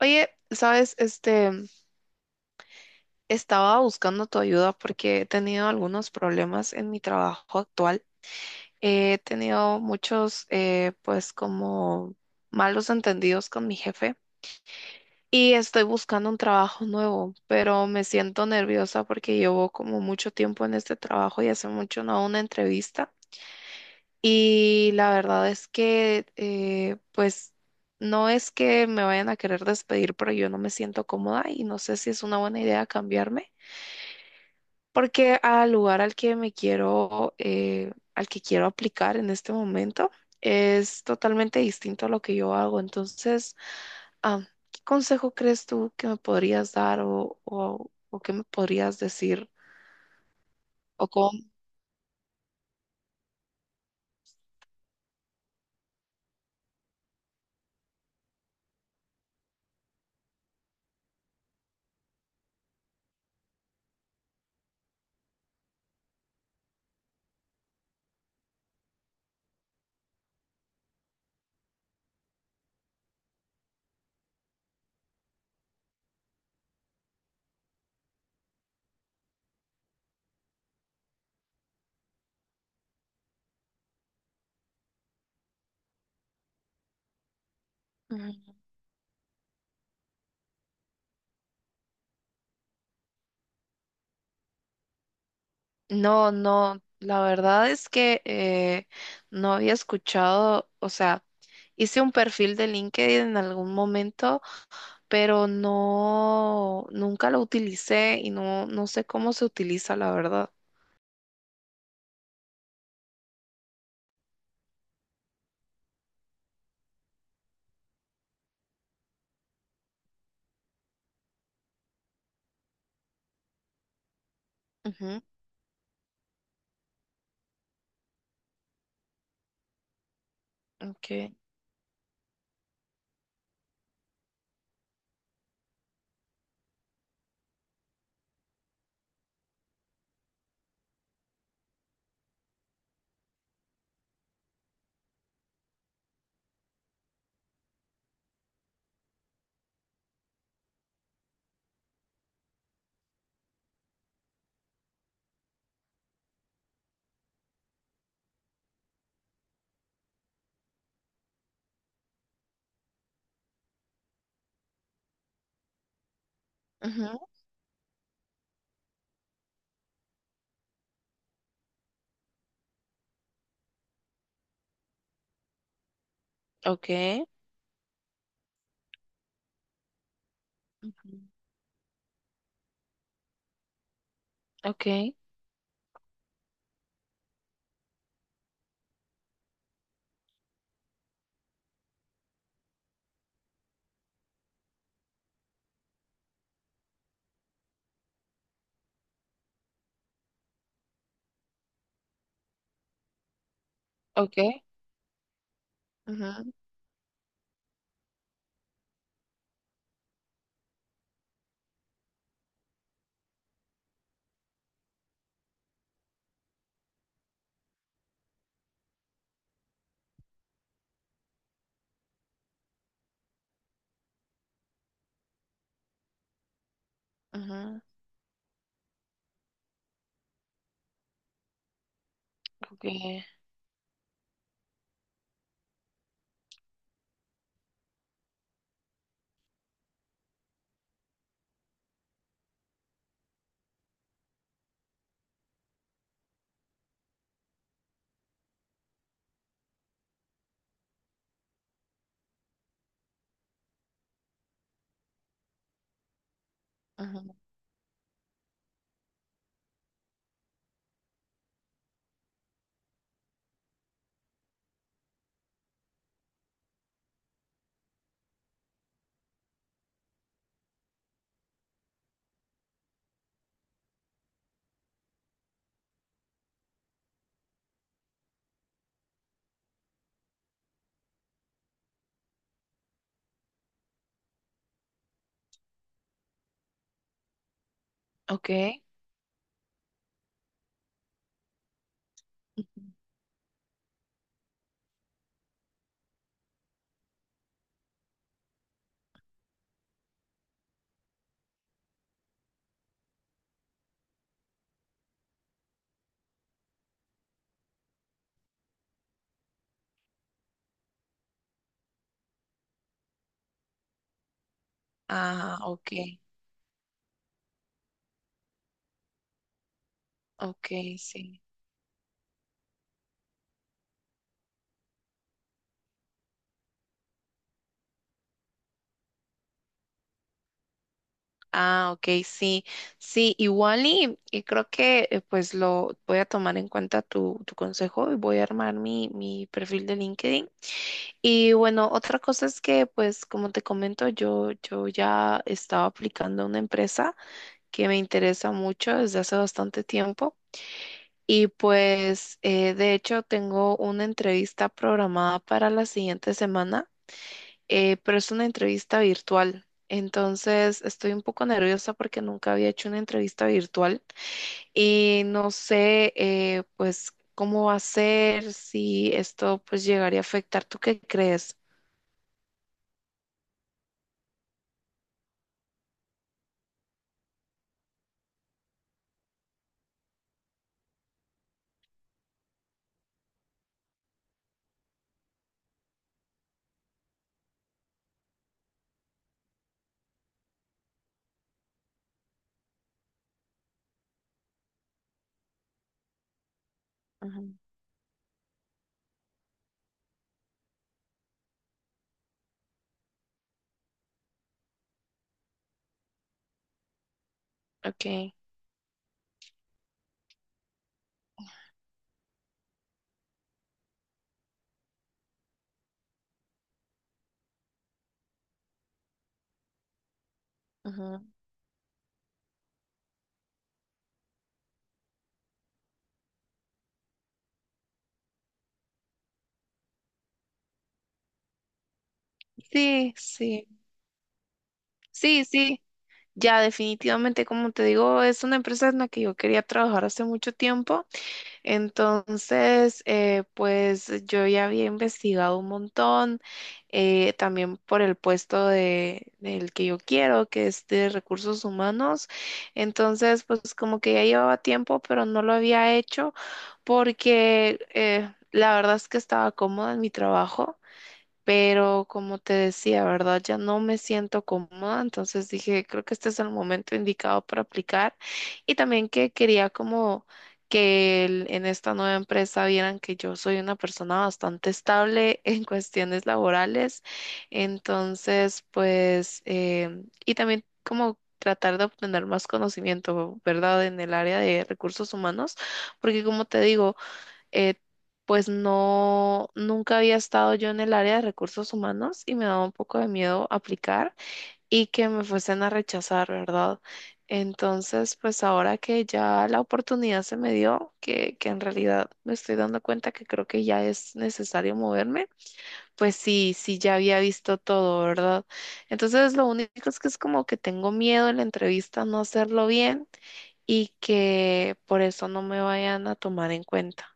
Oye, sabes, estaba buscando tu ayuda porque he tenido algunos problemas en mi trabajo actual. He tenido muchos, pues, como malos entendidos con mi jefe y estoy buscando un trabajo nuevo, pero me siento nerviosa porque llevo como mucho tiempo en este trabajo y hace mucho no hago una entrevista. Y la verdad es que, pues, no es que me vayan a querer despedir, pero yo no me siento cómoda y no sé si es una buena idea cambiarme, porque al lugar al que me quiero, al que quiero aplicar en este momento es totalmente distinto a lo que yo hago. Entonces, ah, ¿qué consejo crees tú que me podrías dar o qué me podrías decir? ¿O cómo? Ujú. No, no, la verdad es que no había escuchado, o sea, hice un perfil de LinkedIn en algún momento, pero no, nunca lo utilicé y no, no sé cómo se utiliza, la verdad. Ujú. Okay. Ujú. Okay. Ujú. Okay. Okay. Ujú. Ujú. Okay. Ujú. Okay. Ujú. Ah, okay. Okay, sí. Ah, okay, sí. Sí, igual y creo que pues lo voy a tomar en cuenta tu, tu consejo y voy a armar mi, mi perfil de LinkedIn. Y bueno, otra cosa es que, pues, como te comento, yo ya estaba aplicando a una empresa que me interesa mucho desde hace bastante tiempo. Y pues, de hecho, tengo una entrevista programada para la siguiente semana, pero es una entrevista virtual. Entonces, estoy un poco nerviosa porque nunca había hecho una entrevista virtual y no sé, pues, cómo va a ser, si esto, pues, llegaría a afectar. ¿Tú qué crees? Ujú. Ok. Ujú. Sí, sí, sí, sí. Ya definitivamente, como te digo, es una empresa en la que yo quería trabajar hace mucho tiempo. Entonces, pues yo ya había investigado un montón, también por el puesto de, del que yo quiero, que es de recursos humanos. Entonces, pues como que ya llevaba tiempo, pero no lo había hecho porque la verdad es que estaba cómoda en mi trabajo. Pero como te decía, ¿verdad? Ya no me siento cómoda, entonces dije, creo que este es el momento indicado para aplicar. Y también que quería como que en esta nueva empresa vieran que yo soy una persona bastante estable en cuestiones laborales. Entonces, pues, y también como tratar de obtener más conocimiento, ¿verdad? En el área de recursos humanos, porque como te digo, eh, pues no, nunca había estado yo en el área de recursos humanos y me daba un poco de miedo aplicar y que me fuesen a rechazar, ¿verdad? Entonces, pues ahora que ya la oportunidad se me dio, que en realidad me estoy dando cuenta que creo que ya es necesario moverme, pues sí, sí, ya había visto todo, ¿verdad? Entonces, lo único es que es como que tengo miedo en la entrevista no hacerlo bien y que por eso no me vayan a tomar en cuenta.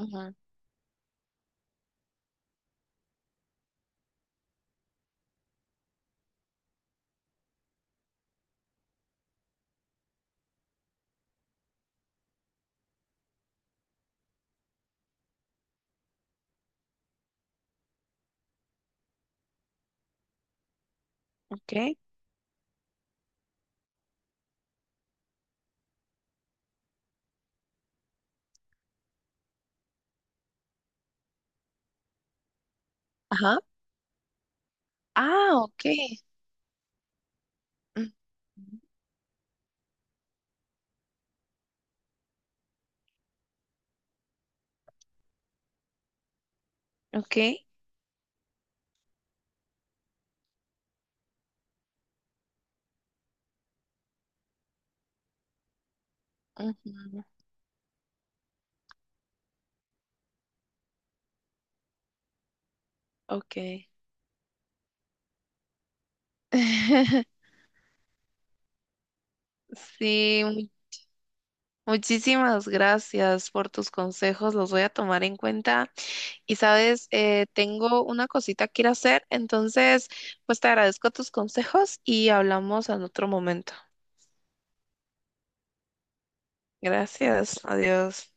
Ujú. Ok. Ajá. Ah, ok. Mm. Ok. Ujú. Ok. Sí, muchísimas gracias por tus consejos, los voy a tomar en cuenta. Y sabes, tengo una cosita que ir a hacer, entonces, pues te agradezco tus consejos y hablamos en otro momento. Gracias, adiós.